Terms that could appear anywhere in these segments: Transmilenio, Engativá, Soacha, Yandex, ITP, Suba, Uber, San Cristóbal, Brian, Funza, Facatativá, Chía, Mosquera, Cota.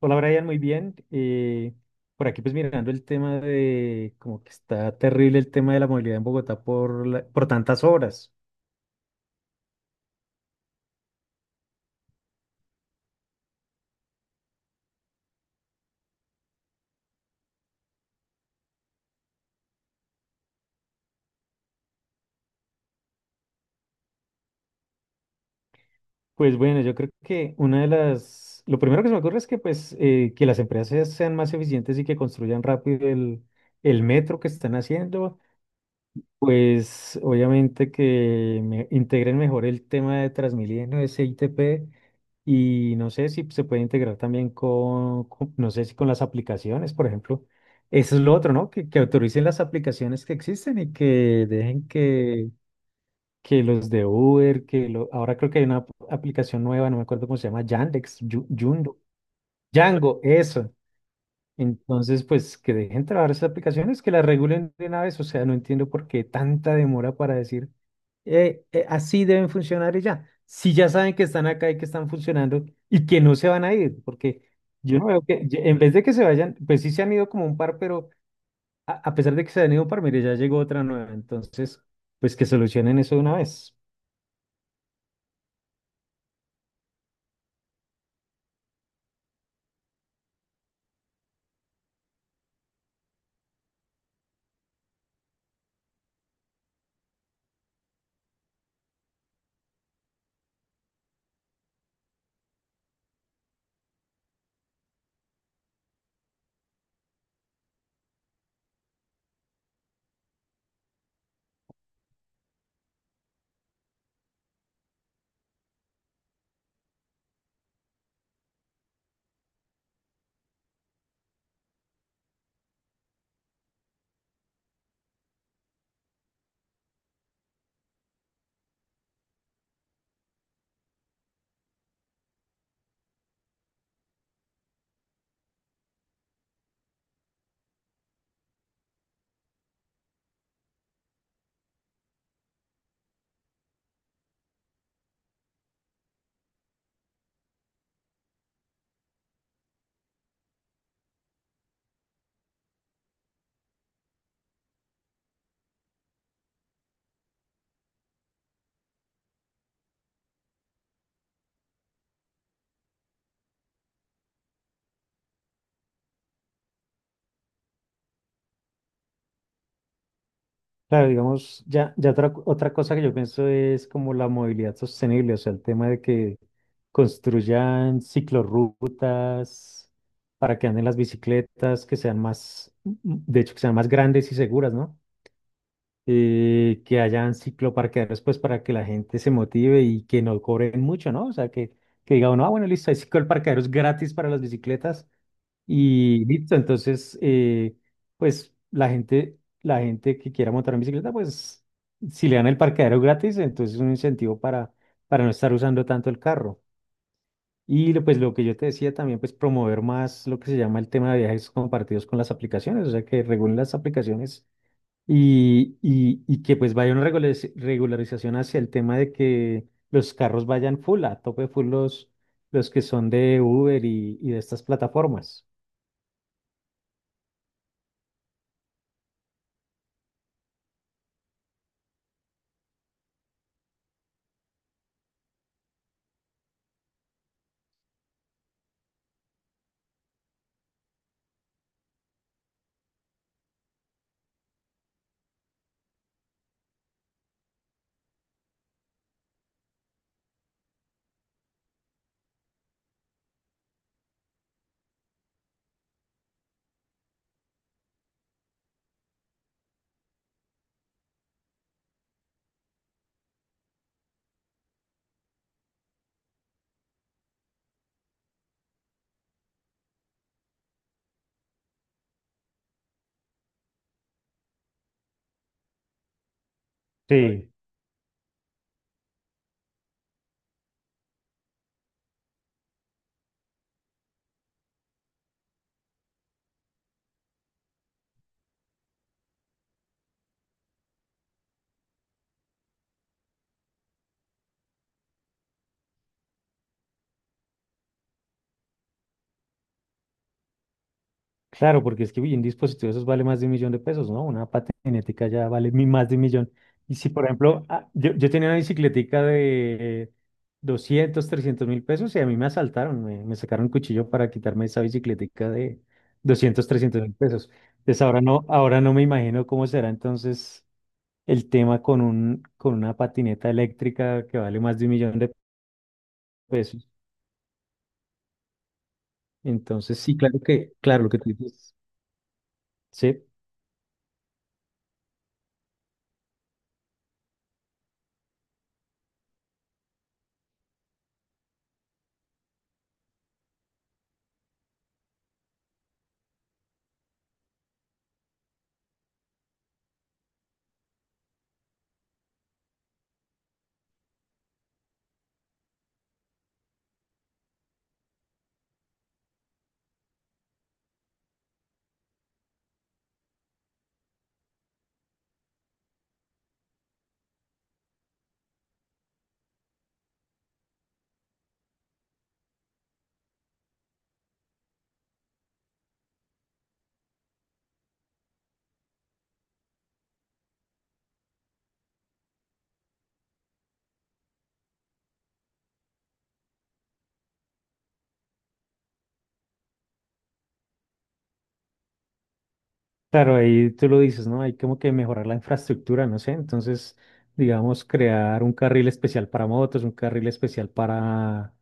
Hola Brian, muy bien. Por aquí pues mirando el tema de como que está terrible el tema de la movilidad en Bogotá por, por tantas obras. Pues bueno, yo creo que una de las, lo primero que se me ocurre es que pues que las empresas sean más eficientes y que construyan rápido el metro que están haciendo. Pues obviamente que me integren mejor el tema de Transmilenio, ese ITP, y no sé si se puede integrar también con, no sé si con las aplicaciones, por ejemplo. Eso es lo otro, ¿no? Que autoricen las aplicaciones que existen y que dejen que los de Uber, que lo, ahora creo que hay una aplicación nueva, no me acuerdo cómo se llama, Yandex, Yundo, Django, eso. Entonces, pues que dejen trabajar esas aplicaciones, que las regulen de una vez. O sea, no entiendo por qué tanta demora para decir, así deben funcionar y ya. Si ya saben que están acá y que están funcionando y que no se van a ir, porque yo no veo que, en vez de que se vayan, pues sí se han ido como un par, pero a pesar de que se han ido un par, mire, ya llegó otra nueva. Entonces, pues que solucionen eso de una vez. Claro, digamos, ya, ya otra, otra cosa que yo pienso es como la movilidad sostenible, o sea, el tema de que construyan ciclorrutas para que anden las bicicletas, que sean más, de hecho, que sean más grandes y seguras, ¿no? Que hayan cicloparqueaderos, pues, para que la gente se motive y que no cobren mucho, ¿no? O sea, que diga uno, ah, bueno, listo, hay cicloparqueaderos gratis para las bicicletas, y listo, entonces, pues la gente que quiera montar en bicicleta, pues si le dan el parqueadero gratis, entonces es un incentivo para no estar usando tanto el carro. Pues lo que yo te decía también, pues promover más lo que se llama el tema de viajes compartidos con las aplicaciones, o sea, que regulen las aplicaciones y que pues vaya una regularización hacia el tema de que los carros vayan full, a tope full los que son de Uber y de estas plataformas. Sí. Claro, porque es que uy, un dispositivo de esos vale más de un millón de pesos, ¿no? Una patinética ya vale más de un millón. Y si, por ejemplo, ah, yo tenía una bicicletica de 200, 300 mil pesos y a mí me asaltaron, me sacaron un cuchillo para quitarme esa bicicletica de 200, 300 mil pesos. Entonces ahora no me imagino cómo será entonces el tema con un, con una patineta eléctrica que vale más de un millón de pesos. Entonces sí, claro que, claro, lo que tú dices, sí. Claro, ahí tú lo dices, ¿no? Hay como que mejorar la infraestructura, no sé. Entonces, digamos, crear un carril especial para motos, un carril especial para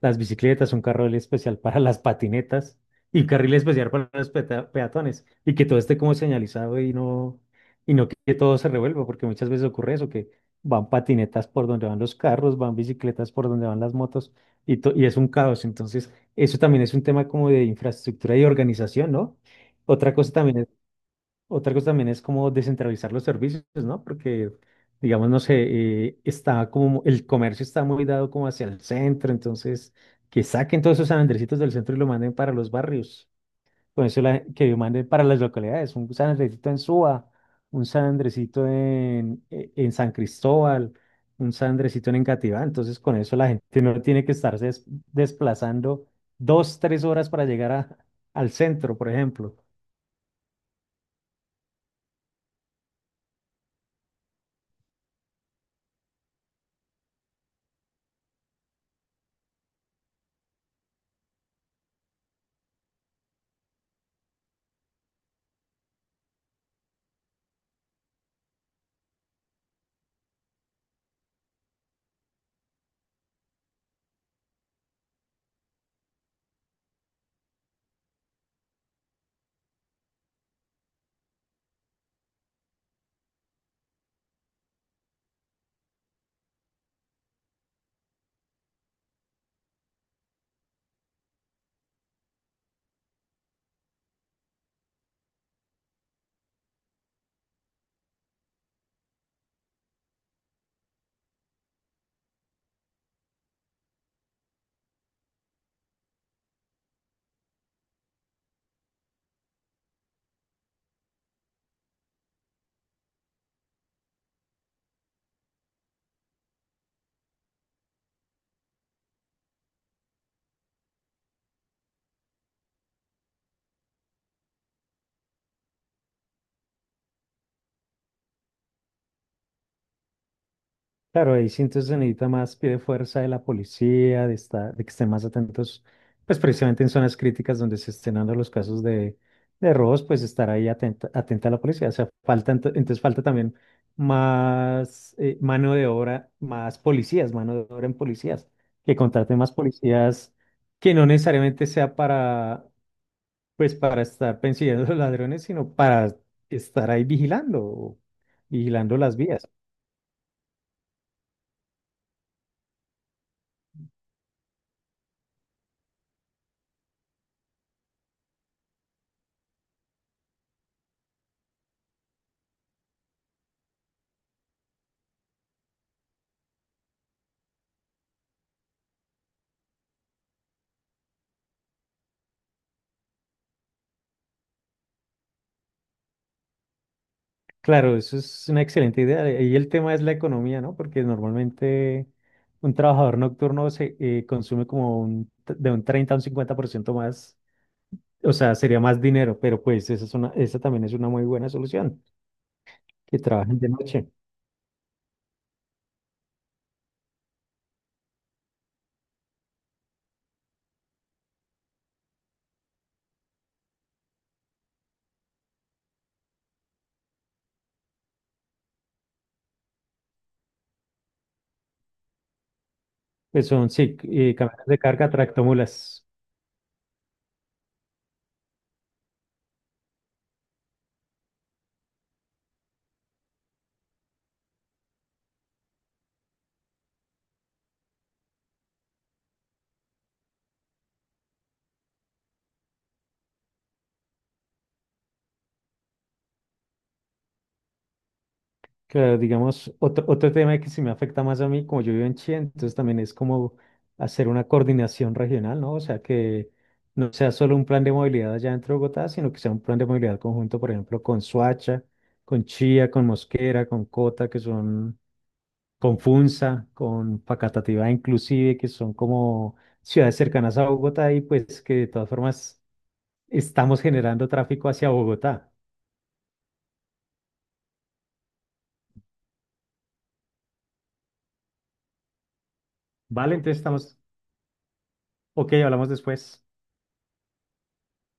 las bicicletas, un carril especial para las patinetas y un carril especial para los peatones. Y que todo esté como señalizado y no que todo se revuelva, porque muchas veces ocurre eso, que van patinetas por donde van los carros, van bicicletas por donde van las motos y, y es un caos. Entonces, eso también es un tema como de infraestructura y organización, ¿no? Otra cosa también es Otra cosa también es como descentralizar los servicios, ¿no? Porque, digamos, no sé, está como el comercio está muy dado como hacia el centro, entonces que saquen todos esos San Andresitos del centro y lo manden para los barrios. Con eso que lo manden para las localidades, un San Andresito en Suba, un San Andresito en, en San Cristóbal, un San Andresito en Engativá. Entonces, con eso la gente no tiene que estarse desplazando dos, tres horas para llegar al centro, por ejemplo. Claro, ahí sí entonces se necesita más pie de fuerza de la policía, de, de que estén más atentos, pues precisamente en zonas críticas donde se estén dando los casos de robos, pues estar ahí atenta, atenta a la policía. O sea, falta, entonces falta también más mano de obra, más policías, mano de obra en policías, que contraten más policías que no necesariamente sea para, pues para estar persiguiendo a los ladrones, sino para estar ahí vigilando, vigilando las vías. Claro, eso es una excelente idea. Y el tema es la economía, ¿no? Porque normalmente un trabajador nocturno se consume como un, de un 30 a un 50% más, o sea, sería más dinero, pero pues esa es una, esa también es una muy buena solución, que trabajen de noche. Pues son, sí, camiones de carga, tractomulas. Claro, digamos, otro, otro tema que sí me afecta más a mí, como yo vivo en Chile, entonces también es como hacer una coordinación regional, ¿no? O sea, que no sea solo un plan de movilidad allá dentro de Bogotá, sino que sea un plan de movilidad conjunto, por ejemplo, con Soacha, con Chía, con Mosquera, con Cota, que son, con Funza, con Facatativá inclusive, que son como ciudades cercanas a Bogotá y pues que de todas formas estamos generando tráfico hacia Bogotá, ¿vale? Entonces estamos, ok, hablamos después.